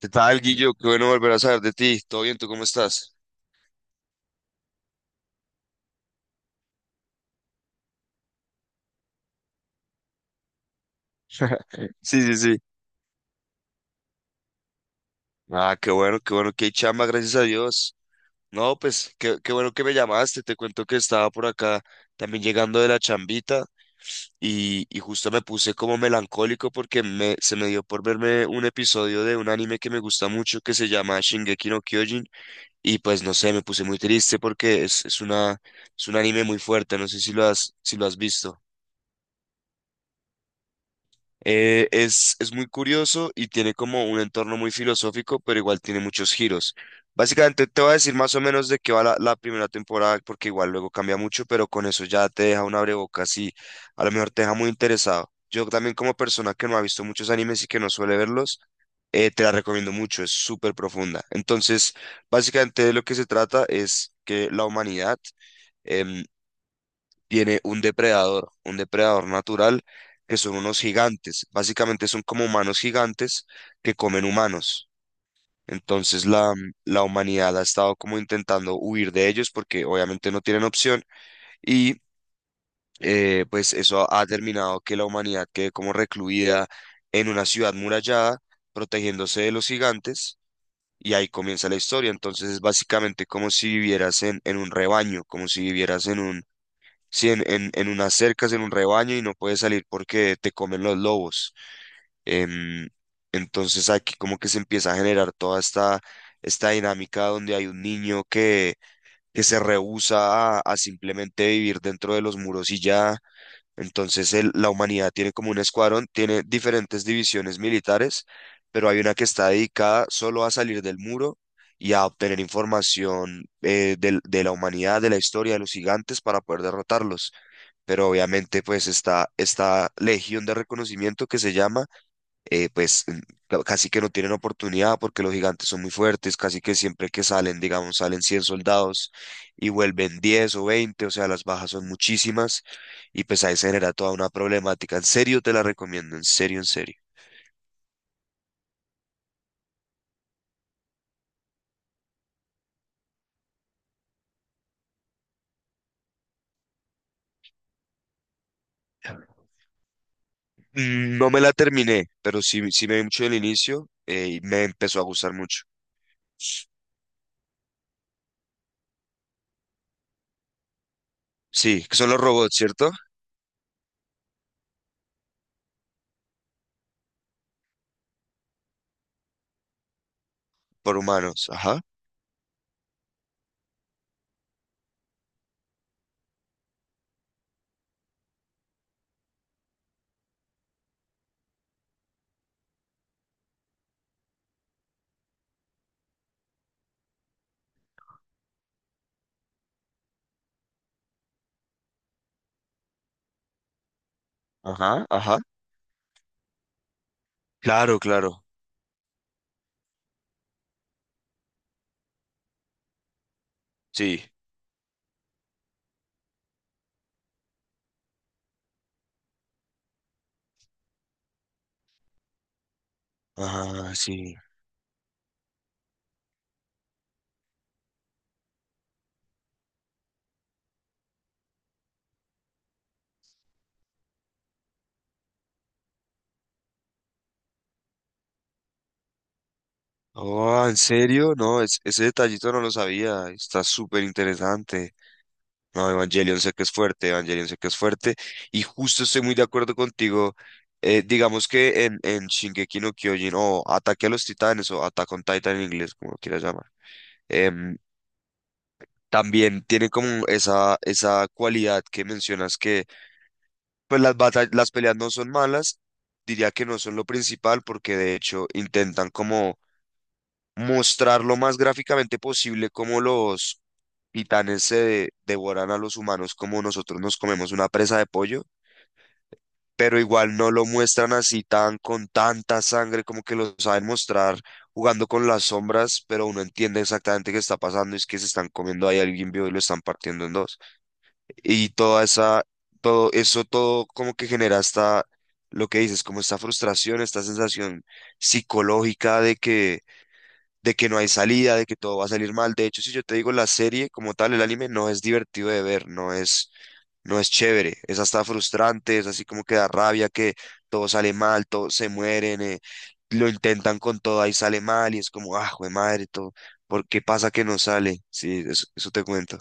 ¿Qué tal, Guillo? Qué bueno volver a saber de ti. ¿Todo bien? ¿Tú cómo estás? Sí, sí, sí. Ah, qué bueno, qué bueno, qué chamba, gracias a Dios. No, pues, qué bueno que me llamaste. Te cuento que estaba por acá también llegando de la chambita y justo me puse como melancólico porque se me dio por verme un episodio de un anime que me gusta mucho que se llama Shingeki no Kyojin y pues no sé, me puse muy triste porque es un anime muy fuerte. No sé si lo si lo has visto. Es muy curioso y tiene como un entorno muy filosófico, pero igual tiene muchos giros. Básicamente te voy a decir más o menos de qué va la primera temporada, porque igual luego cambia mucho, pero con eso ya te deja un abrebocas y a lo mejor te deja muy interesado. Yo también como persona que no ha visto muchos animes y que no suele verlos, te la recomiendo mucho, es súper profunda. Entonces, básicamente de lo que se trata es que la humanidad em, tiene un depredador natural, que son unos gigantes. Básicamente son como humanos gigantes que comen humanos. Entonces la humanidad ha estado como intentando huir de ellos porque obviamente no tienen opción y pues eso ha terminado que la humanidad quede como recluida en una ciudad murallada protegiéndose de los gigantes y ahí comienza la historia. Entonces es básicamente como si vivieras en un rebaño, como si vivieras en un sí, en unas cercas, en un rebaño y no puedes salir porque te comen los lobos. Em, entonces aquí como que se empieza a generar toda esta dinámica donde hay un niño que se rehúsa a simplemente vivir dentro de los muros y ya. Entonces la humanidad tiene como un escuadrón, tiene diferentes divisiones militares, pero hay una que está dedicada solo a salir del muro y a obtener información, de la humanidad, de la historia, de los gigantes para poder derrotarlos, pero obviamente pues esta legión de reconocimiento que se llama, eh, pues mm, casi que no tienen oportunidad porque los gigantes son muy fuertes, casi que siempre que salen, digamos, salen 100 soldados y vuelven 10 o veinte, o sea, las bajas son muchísimas y pues ahí se genera toda una problemática. En serio te la recomiendo, en serio, en serio. Mm, no me la terminé, pero sí, sí me vi mucho del inicio, y me empezó a gustar mucho. Sí, que son los robots, ¿cierto? Por humanos, ajá, ajá, ajá. Claro, claro. Sí. Ah, sí. Oh, ¿en serio? No, ese detallito no lo sabía. Está súper interesante. No, Evangelion sé que es fuerte, Evangelion sé que es fuerte. Y justo estoy muy de acuerdo contigo. Digamos que en Shingeki no Kyojin o Ataque a los Titanes o Attack on Titan en inglés, como lo quieras llamar. em, También tiene como esa cualidad que mencionas que pues las batallas, las peleas no son malas. Diría que no son lo principal porque de hecho intentan como mostrar lo más gráficamente posible cómo los titanes se devoran a los humanos como nosotros nos comemos una presa de pollo, pero igual no lo muestran así tan con tanta sangre, como que lo saben mostrar jugando con las sombras, pero uno entiende exactamente qué está pasando, es que se están comiendo ahí a alguien vivo y lo están partiendo en dos. Y toda esa, todo eso todo como que genera hasta lo que dices, como esta frustración, esta sensación psicológica de que no hay salida, de que todo va a salir mal. De hecho, si yo te digo la serie como tal, el anime no es divertido de ver, no no es chévere, es hasta frustrante, es así como que da rabia, que todo sale mal, todos se mueren, lo intentan con todo y sale mal y es como, ah, jue madre, todo. ¿Por qué pasa que no sale? Sí, eso te cuento.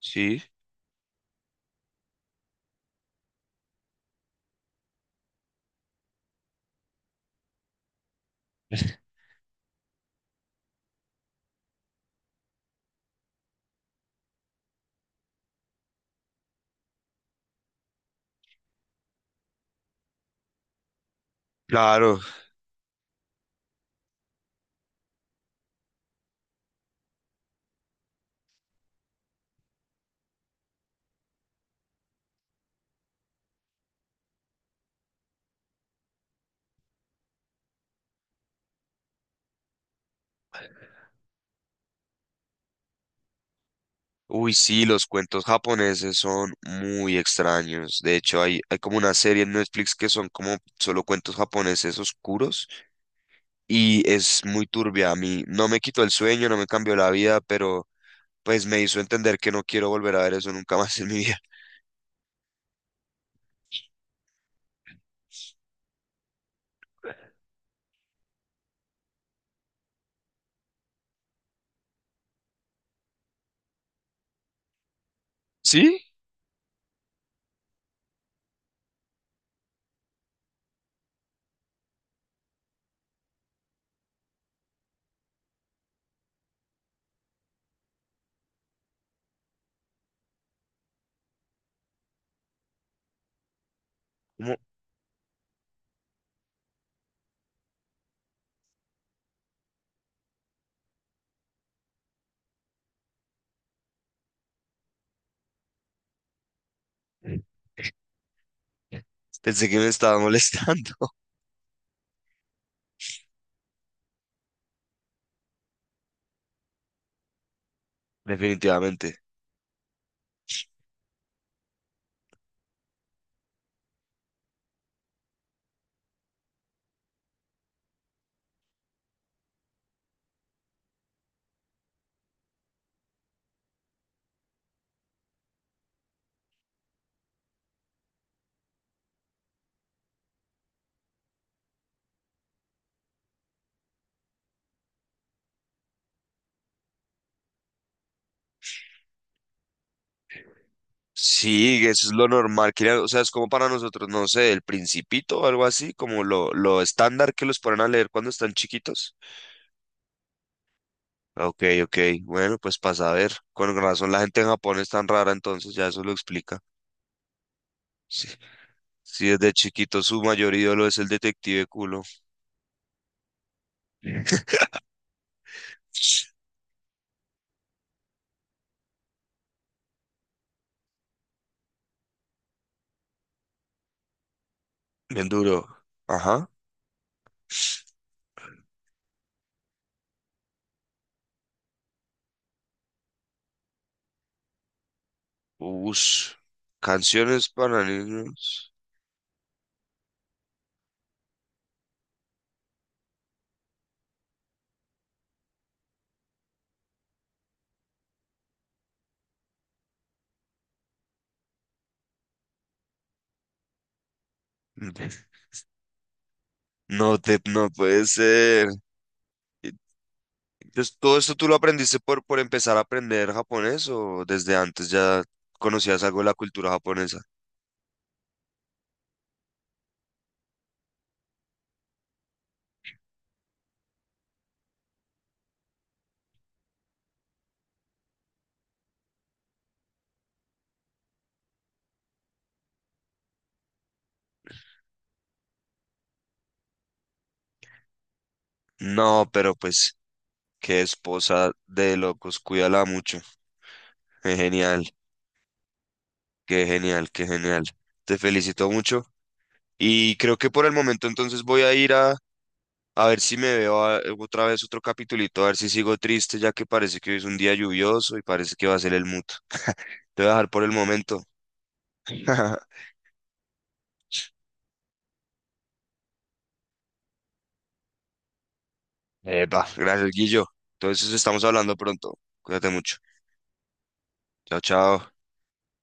Sí. Claro, uy, sí, los cuentos japoneses son muy extraños. De hecho, hay como una serie en Netflix que son como solo cuentos japoneses oscuros y es muy turbia. A mí no me quitó el sueño, no me cambió la vida, pero pues me hizo entender que no quiero volver a ver eso nunca más en mi vida. ¿Sí? ¿Cómo? Pensé que me estaba molestando. Definitivamente. Sí, eso es lo normal. O sea, es como para nosotros, no sé, el Principito o algo así, como lo estándar que los ponen a leer cuando están chiquitos. Ok, ok. Bueno, pues pasa a ver. Con razón la gente en Japón es tan rara, entonces ya eso lo explica. Sí, sí desde chiquito su mayor ídolo es el detective culo. Bien duro. Ajá. Ush. Canciones para niños. Mm, No te, no puede ser. Y- entonces, ¿todo esto tú lo aprendiste por empezar a aprender japonés o desde antes ya conocías algo de la cultura japonesa? No, pero pues, qué esposa de locos, cuídala mucho. Qué genial, qué genial, qué genial. Te felicito mucho. Y creo que por el momento entonces voy a ir a ver si me veo otra vez otro capitulito, a ver si sigo triste, ya que parece que hoy es un día lluvioso y parece que va a ser el mood. Te voy a dejar por el momento. Epa, gracias, Guillo. Entonces estamos hablando pronto. Cuídate mucho. Chao, chao.